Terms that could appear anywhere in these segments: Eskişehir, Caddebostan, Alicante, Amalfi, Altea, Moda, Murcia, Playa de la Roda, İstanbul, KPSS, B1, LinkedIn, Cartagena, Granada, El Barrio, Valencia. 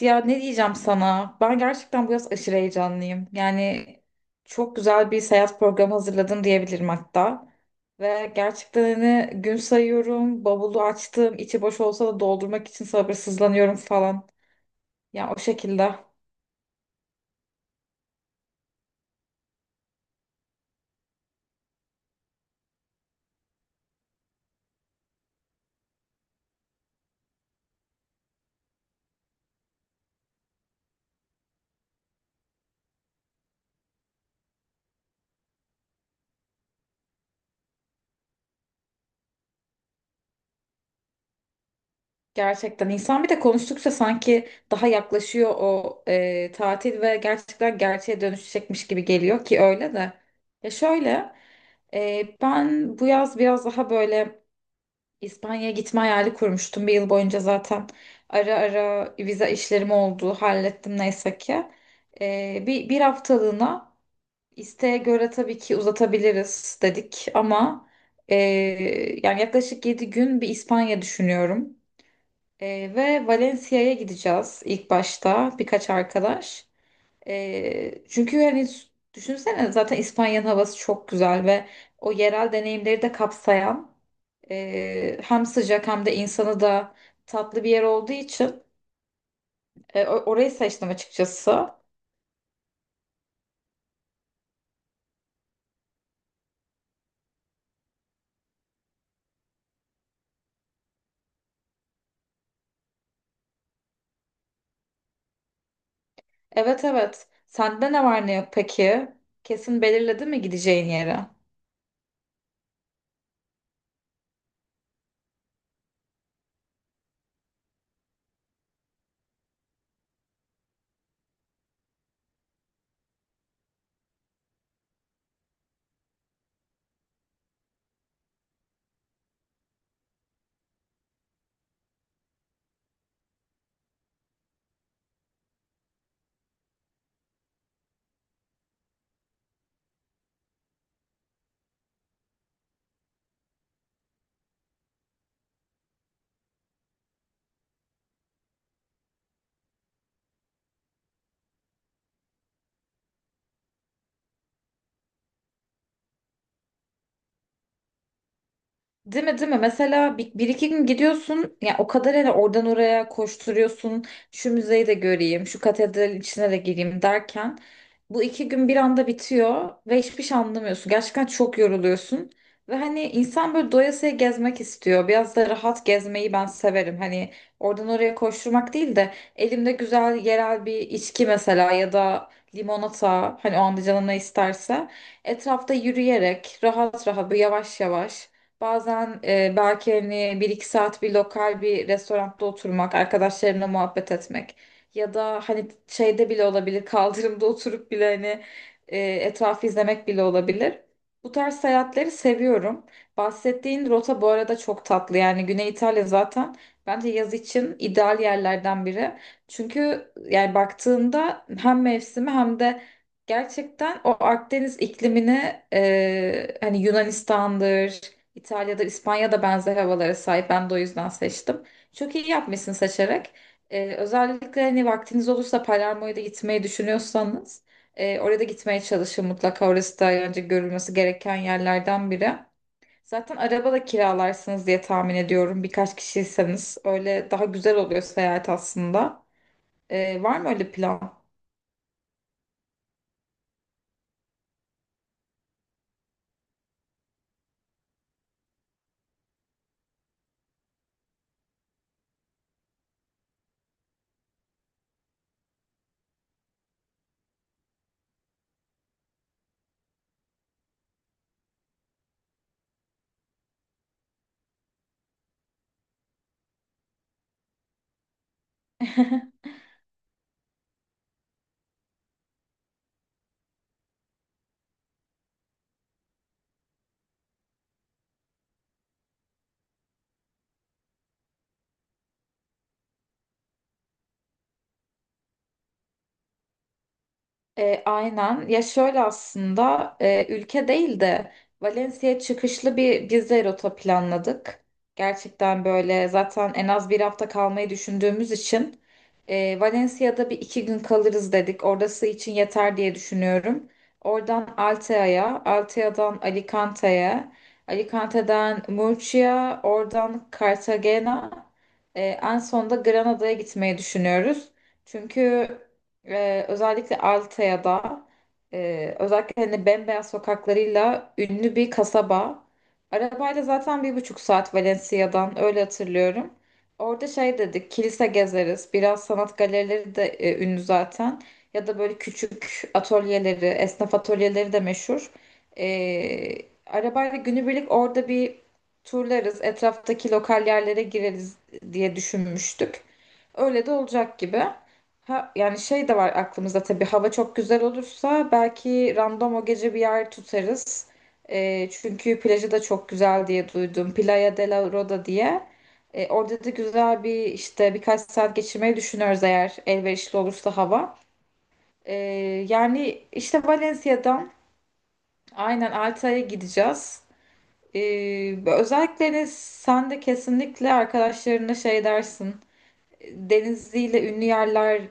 Ya ne diyeceğim sana? Ben gerçekten bu yaz aşırı heyecanlıyım. Yani çok güzel bir seyahat programı hazırladım diyebilirim hatta. Ve gerçekten hani gün sayıyorum, bavulu açtım, içi boş olsa da doldurmak için sabırsızlanıyorum falan. Ya o şekilde. Gerçekten insan bir de konuştukça sanki daha yaklaşıyor o tatil ve gerçekten gerçeğe dönüşecekmiş gibi geliyor ki öyle de. Ya şöyle, ben bu yaz biraz daha böyle İspanya'ya gitme hayali kurmuştum bir yıl boyunca zaten. Ara ara vize işlerim oldu. Hallettim neyse ki. Bir haftalığına isteğe göre tabii ki uzatabiliriz dedik ama e, yani yaklaşık 7 gün bir İspanya düşünüyorum. Ve Valencia'ya gideceğiz ilk başta birkaç arkadaş. Çünkü yani düşünsene zaten İspanya'nın havası çok güzel ve o yerel deneyimleri de kapsayan hem sıcak hem de insanı da tatlı bir yer olduğu için orayı seçtim açıkçası. Evet, evet. Sende ne var ne yok peki? Kesin belirledin mi gideceğin yeri? Değil mi, değil mi? Mesela bir iki gün gidiyorsun ya o kadar hani oradan oraya koşturuyorsun, şu müzeyi de göreyim, şu katedral içine de gireyim derken bu 2 gün bir anda bitiyor ve hiçbir şey anlamıyorsun. Gerçekten çok yoruluyorsun ve hani insan böyle doyasıya gezmek istiyor. Biraz da rahat gezmeyi ben severim. Hani oradan oraya koşturmak değil de elimde güzel yerel bir içki mesela ya da limonata, hani o anda canına isterse etrafta yürüyerek rahat rahat böyle yavaş yavaş. Bazen belki hani bir iki saat bir lokal bir restoranda oturmak, arkadaşlarımla muhabbet etmek ya da hani şeyde bile olabilir, kaldırımda oturup bile hani etrafı izlemek bile olabilir. Bu tarz seyahatleri seviyorum. Bahsettiğin rota bu arada çok tatlı. Yani Güney İtalya zaten bence yaz için ideal yerlerden biri. Çünkü yani baktığında hem mevsimi hem de gerçekten o Akdeniz iklimini, hani Yunanistan'dır, İtalya'da, İspanya'da benzer havalara sahip. Ben de o yüzden seçtim. Çok iyi yapmışsın seçerek. Özellikle hani vaktiniz olursa Palermo'ya da gitmeyi düşünüyorsanız oraya da gitmeye çalışın mutlaka. Orası da önce görülmesi gereken yerlerden biri. Zaten araba da kiralarsınız diye tahmin ediyorum. Birkaç kişiyseniz öyle daha güzel oluyor seyahat aslında. Var mı öyle plan? Aynen. Ya şöyle aslında ülke değil de Valencia çıkışlı bir gezi rota planladık. Gerçekten böyle zaten en az bir hafta kalmayı düşündüğümüz için Valencia'da bir iki gün kalırız dedik. Orası için yeter diye düşünüyorum. Oradan Altea'ya, Altea'dan Alicante'ye, Alicante'den Murcia, oradan Cartagena, en sonunda Granada'ya gitmeyi düşünüyoruz. Çünkü özellikle Altaya da özellikle hani bembeyaz sokaklarıyla ünlü bir kasaba. Arabayla zaten 1,5 saat Valencia'dan öyle hatırlıyorum. Orada şey dedik, kilise gezeriz. Biraz sanat galerileri de ünlü zaten. Ya da böyle küçük atölyeleri, esnaf atölyeleri de meşhur. Ee, Arabayla günübirlik orada bir turlarız. Etraftaki lokal yerlere gireriz diye düşünmüştük. Öyle de olacak gibi. Ha, yani şey de var aklımızda, tabii hava çok güzel olursa belki random o gece bir yer tutarız. Çünkü plajı da çok güzel diye duydum. Playa de la Roda diye. Orada da güzel bir işte birkaç saat geçirmeyi düşünüyoruz eğer elverişli olursa hava. Ee, Yani işte Valencia'dan aynen Alta'ya gideceğiz. Özellikle sen de kesinlikle arkadaşlarına şey dersin. Denizli'yle ünlü yerler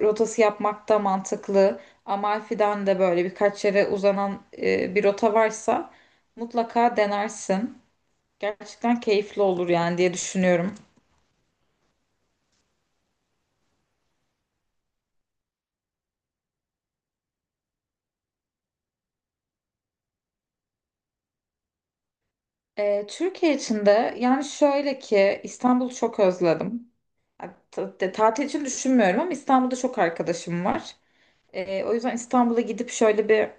rotası yapmak da mantıklı. Amalfi'den de böyle birkaç yere uzanan bir rota varsa mutlaka denersin. Gerçekten keyifli olur yani diye düşünüyorum. Türkiye için de yani şöyle ki İstanbul'u çok özledim. Ya, tatil için düşünmüyorum ama İstanbul'da çok arkadaşım var. O yüzden İstanbul'a gidip şöyle bir,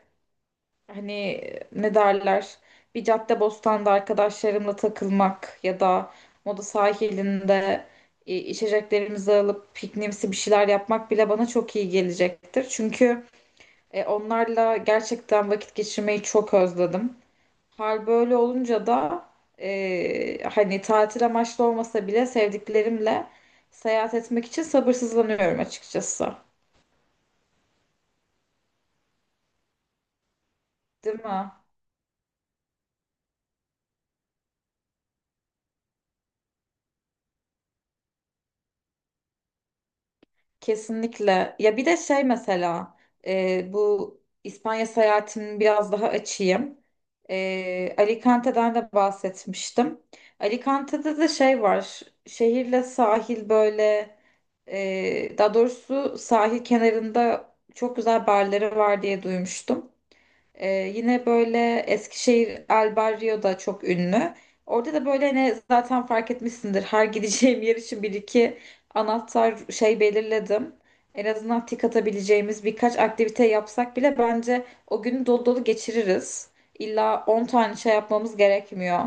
hani, ne derler, bir Caddebostan'da arkadaşlarımla takılmak ya da Moda sahilinde içeceklerimizi alıp pikniğimsi bir şeyler yapmak bile bana çok iyi gelecektir. Çünkü onlarla gerçekten vakit geçirmeyi çok özledim. Hal böyle olunca da hani tatil amaçlı olmasa bile sevdiklerimle seyahat etmek için sabırsızlanıyorum açıkçası. Değil mi? Kesinlikle. Ya bir de şey mesela, bu İspanya seyahatimini biraz daha açayım. Alicante'den de bahsetmiştim. Alicante'de de şey var. Şehirle sahil böyle, daha doğrusu sahil kenarında çok güzel barları var diye duymuştum. Ee, Yine böyle Eskişehir El Barrio da çok ünlü. Orada da böyle hani zaten fark etmişsindir. Her gideceğim yer için bir iki anahtar şey belirledim. En azından tik atabileceğimiz birkaç aktivite yapsak bile bence o günü dolu dolu geçiririz. İlla 10 tane şey yapmamız gerekmiyor.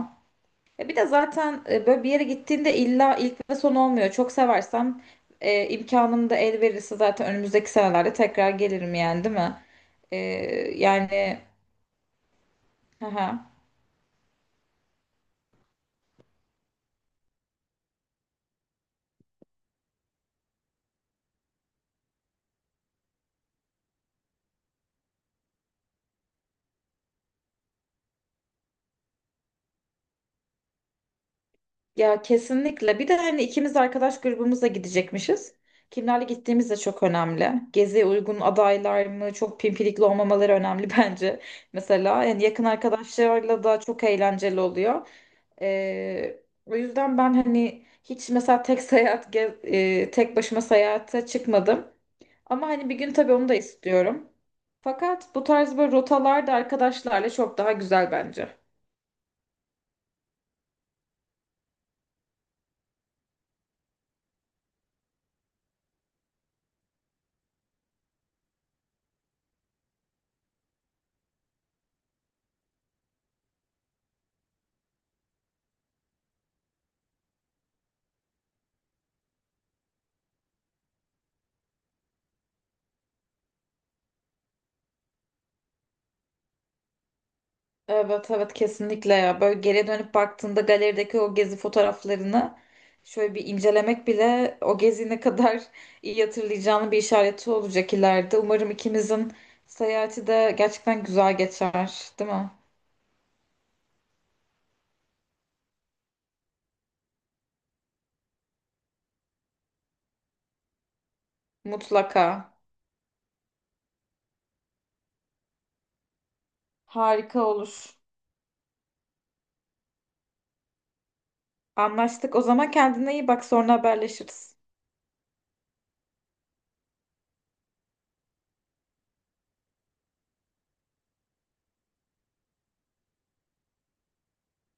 E bir de zaten böyle bir yere gittiğinde illa ilk ve son olmuyor. Çok seversem imkanım da el verirse zaten önümüzdeki senelerde tekrar gelirim yani, değil mi? Ee, yani. Aha. Ya kesinlikle. Bir de hani ikimiz arkadaş grubumuzla gidecekmişiz. Kimlerle gittiğimiz de çok önemli. Geziye uygun adaylar mı, çok pimpirikli olmamaları önemli bence. Mesela yani yakın arkadaşlarla da çok eğlenceli oluyor. O yüzden ben hani hiç mesela tek başıma seyahate çıkmadım. Ama hani bir gün tabii onu da istiyorum. Fakat bu tarz böyle rotalar da arkadaşlarla çok daha güzel bence. Evet, evet, kesinlikle ya. Böyle geriye dönüp baktığında galerideki o gezi fotoğraflarını şöyle bir incelemek bile o gezi ne kadar iyi hatırlayacağını bir işareti olacak ileride. Umarım ikimizin seyahati de gerçekten güzel geçer, değil mi? Mutlaka. Harika olur. Anlaştık. O zaman kendine iyi bak, sonra haberleşiriz.